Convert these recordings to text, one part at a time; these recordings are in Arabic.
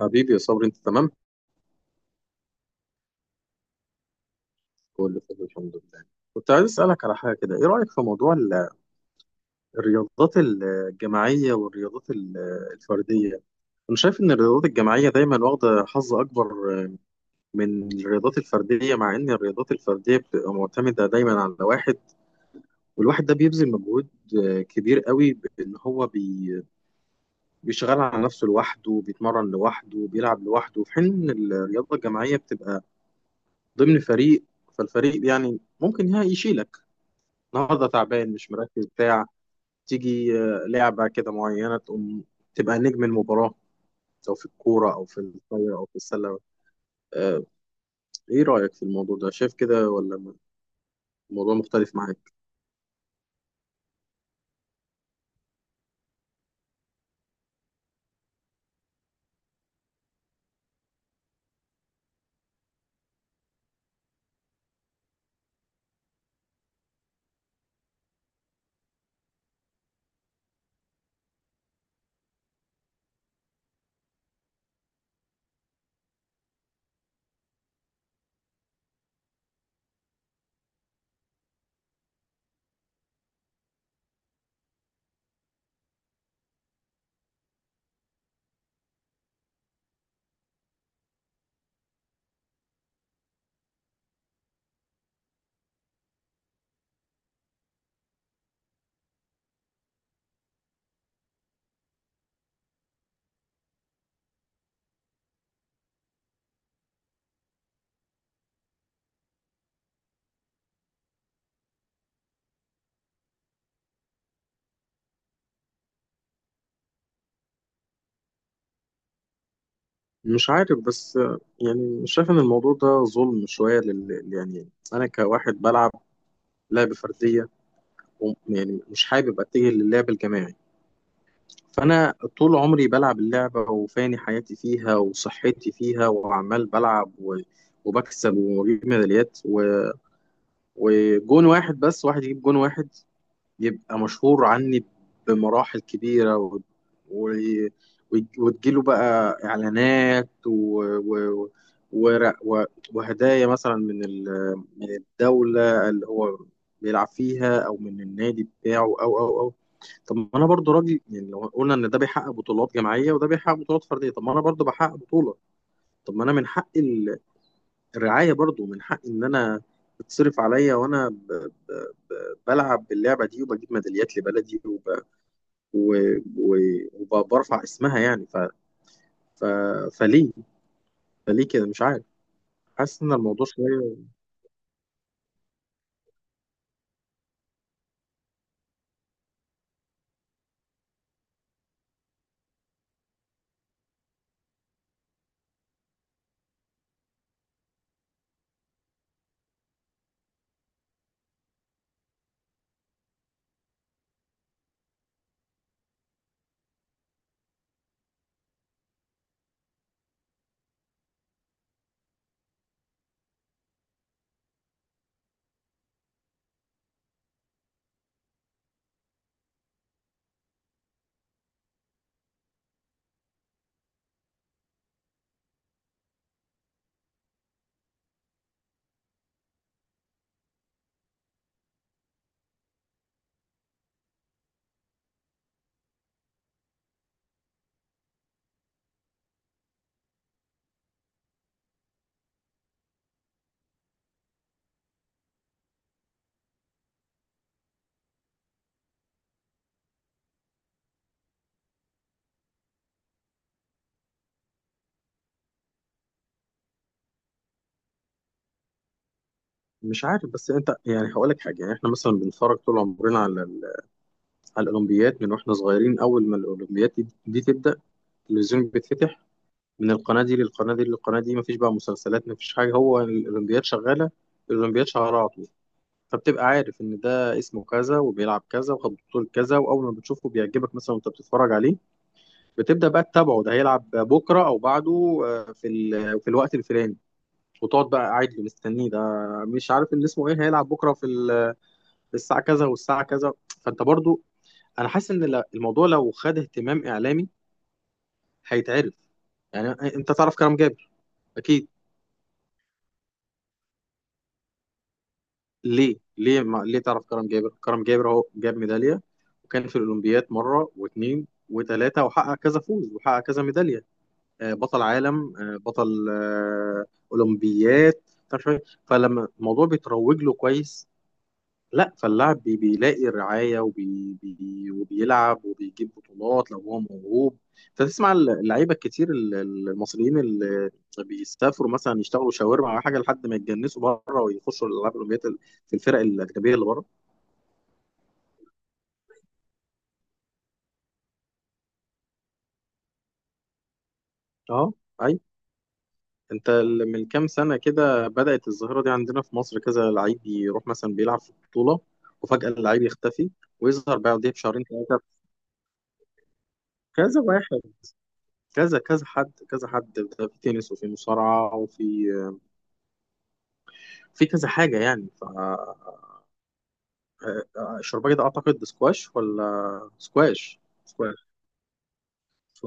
حبيبي يا صبري، انت تمام؟ كله تمام الحمد لله. كنت عايز اسالك على حاجه كده، ايه رايك في موضوع الرياضات الجماعيه والرياضات الفرديه؟ انا شايف ان الرياضات الجماعيه دايما واخده حظ اكبر من الرياضات الفرديه، مع ان الرياضات الفرديه بتبقى معتمده دايما على واحد، والواحد ده بيبذل مجهود كبير قوي، بان هو بيشتغل على نفسه لوحده، بيتمرن لوحده، بيلعب لوحده، في حين ان الرياضه الجماعيه بتبقى ضمن فريق. فالفريق يعني ممكن يشيلك، النهارده تعبان مش مركز بتاع تيجي لعبة كده معينة تقوم تبقى نجم المباراة، سواء في الكورة أو في الطايرة أو في السلة. آه، إيه رأيك في الموضوع ده؟ شايف كده، ولا الموضوع مختلف معاك؟ مش عارف بس يعني مش شايف إن الموضوع ده ظلم شوية يعني أنا كواحد بلعب لعبة فردية، وم- يعني مش حابب أتجه للعب الجماعي، فأنا طول عمري بلعب اللعبة وفاني حياتي فيها وصحتي فيها وعمال بلعب وبكسب وبجيب ميداليات وجون واحد، بس واحد يجيب جون واحد يبقى مشهور عني بمراحل كبيرة و... وتجيله بقى إعلانات و... و... وهدايا مثلا من الدولة اللي هو بيلعب فيها، أو من النادي بتاعه، أو أو أو طب ما أنا برضو راجل، يعني لو قلنا إن ده بيحقق بطولات جماعية وده بيحقق بطولات فردية، طب ما أنا برضو بحقق بطولة. طب ما أنا من حقي الرعاية برضو، من حق إن أنا تتصرف عليا وأنا ب... بلعب باللعبة دي وبجيب ميداليات لبلدي و... و وبرفع اسمها. يعني ف... فليه، فليه كده، مش عارف. حاسس إن الموضوع شوية. مش عارف بس أنت، يعني هقول لك حاجة، يعني إحنا مثلا بنتفرج طول عمرنا على الأولمبيات من وإحنا صغيرين. أول ما الأولمبيات دي تبدأ، التلفزيون بيتفتح من القناة دي للقناة دي للقناة دي، مفيش بقى مسلسلات، مفيش حاجة، هو الأولمبيات شغالة، الأولمبياد شهر. فبتبقى عارف ان ده اسمه كذا وبيلعب كذا وخد بطولة كذا، واول ما بتشوفه بيعجبك مثلا وانت بتتفرج عليه، بتبدأ بقى تتابعه، ده هيلعب بكرة او بعده في في الوقت الفلاني، وتقعد بقى قاعد له مستنيه ده، مش عارف اللي اسمه ايه هيلعب بكرة في في الساعة كذا والساعة كذا. فانت برضو انا حاسس ان الموضوع لو خد اهتمام اعلامي هيتعرف، يعني. انت تعرف كرم جابر؟ اكيد. ليه ليه ما ليه تعرف كرم جابر؟ كرم جابر هو جاب ميدالية، وكان في الأولمبياد مرة واثنين وثلاثة، وحقق كذا فوز وحقق كذا ميدالية، بطل عالم، بطل أولمبياد، مش عارف إيه. فلما الموضوع بيتروج له كويس، لا، فاللاعب بيلاقي الرعايه وبي بي وبيلعب وبيجيب بطولات لو هو موهوب. فتسمع اللعيبه الكتير المصريين اللي بيسافروا مثلا يشتغلوا شاورما او حاجه لحد ما يتجنسوا بره، ويخشوا الالعاب الاولمبيه في الفرق الاجنبيه اللي بره. اه، اي. انت من كام سنه كده بدات الظاهره دي عندنا في مصر، كذا لعيب يروح مثلا بيلعب في بطوله وفجاه اللعيب يختفي ويظهر بعديه بشهرين ثلاثه. كذا واحد، كذا كذا حد كذا حد، ده في تنس وفي مصارعة وفي في كذا حاجة. يعني ف الشرباجي ده أعتقد سكواش، ولا سكواش، سكواش. ف...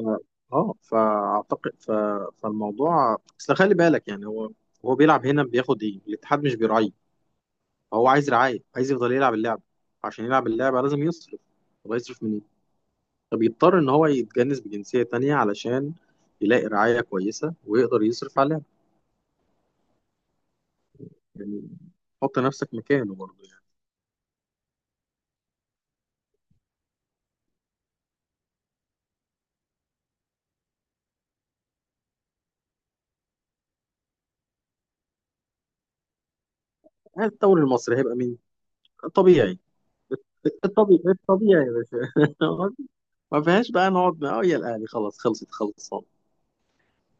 اه، فأعتقد فالموضوع أصل خلي بالك، يعني هو، هو بيلعب هنا بياخد إيه، الاتحاد مش بيراعيه، هو عايز رعاية، عايز يفضل يلعب اللعبة، عشان يلعب اللعبة لازم يصرف. طب هيصرف منين؟ طب يضطر إن هو يتجنس بجنسية تانية علشان يلاقي رعاية كويسة ويقدر يصرف على اللعبة. يعني حط نفسك مكانه برضه. الدوري المصري هيبقى مين؟ طبيعي. الطبيعي الطبيعي يا باشا ما فيهاش بقى نقعد بقى، اه، يا الاهلي خلاص خلصت خلصان.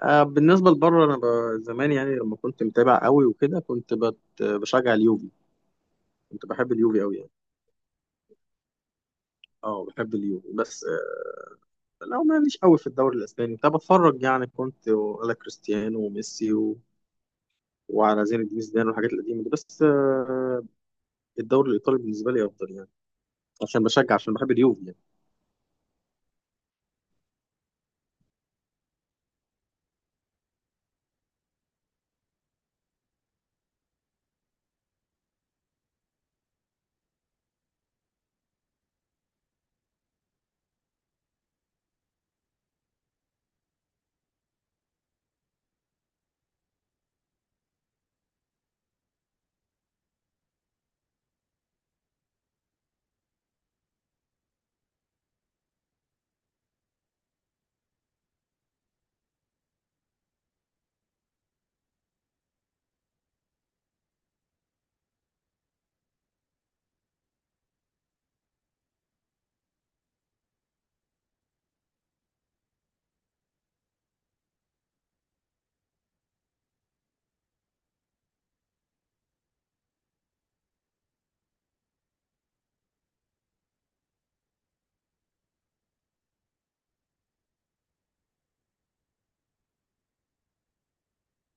آه، بالنسبه لبره انا زمان يعني لما كنت متابع قوي وكده كنت بشجع اليوفي، كنت بحب اليوفي قوي يعني. اه، بحب اليوفي، بس آه، لو ماليش قوي في الدوري الاسباني كنت بتفرج يعني، كنت على كريستيانو وميسي وعلى زين الدين زيدان والحاجات القديمه دي، بس آه، الدوري الايطالي بالنسبه لي افضل، يعني عشان بشجع، عشان بحب اليوفي.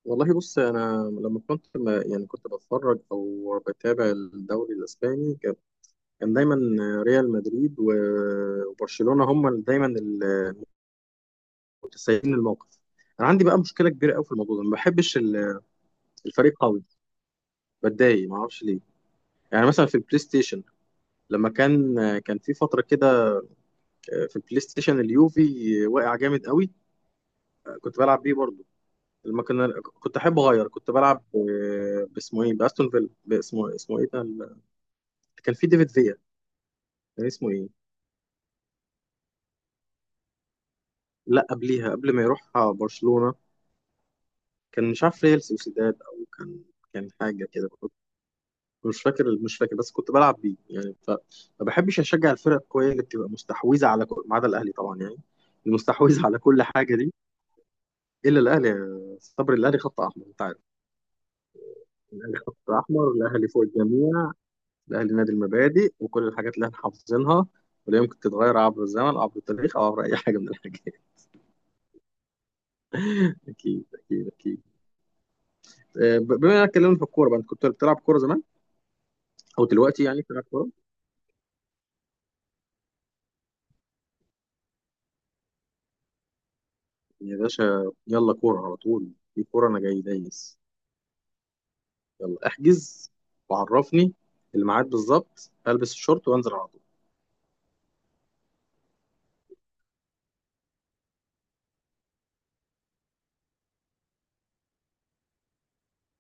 والله بص، انا لما كنت يعني كنت بتفرج او بتابع الدوري الاسباني، كان كان دايما ريال مدريد وبرشلونه هم دايما المتسيدين الموقف. انا عندي بقى مشكله كبيره قوي في الموضوع ده، ما بحبش الفريق قوي، بتضايق ما اعرفش ليه. يعني مثلا في البلاي ستيشن، لما كان كان في فتره كده في البلاي ستيشن اليوفي واقع جامد قوي، كنت بلعب بيه برضه. لما كنت احب اغير، كنت بلعب باسمه ايه، باستون فيلا، باسمه اسمه ايه ده كان في ديفيد فيا، كان اسمه ايه؟ لا قبليها، قبل ما يروح برشلونة، كان مش عارف ريال سوسيداد او كان كان حاجة كده، مش فاكر مش فاكر، بس كنت بلعب بيه يعني ما بحبش اشجع الفرق القوية اللي بتبقى مستحوذة على كل، ما عدا الاهلي طبعا يعني، المستحوذة على كل حاجة دي، الا الاهلي يا صبري، الاهلي خط احمر انت عارف. الاهلي خط احمر، الاهلي فوق الجميع، الاهلي نادي المبادئ، وكل الحاجات اللي احنا حافظينها ولا يمكن تتغير عبر الزمن عبر التاريخ او عبر اي حاجه من الحاجات. اكيد اكيد اكيد. آه، بما اننا اتكلمنا في الكوره بقى، انت كنت بتلعب كوره زمان، هو دلوقتي يعني بتلعب كورة؟ يا باشا يلا كورة على طول، في كورة أنا جاي دايس، يلا احجز وعرفني الميعاد بالظبط، ألبس الشورت وأنزل على طول.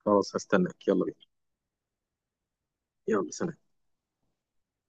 خلاص هستناك، يلا بينا. يلا سلام.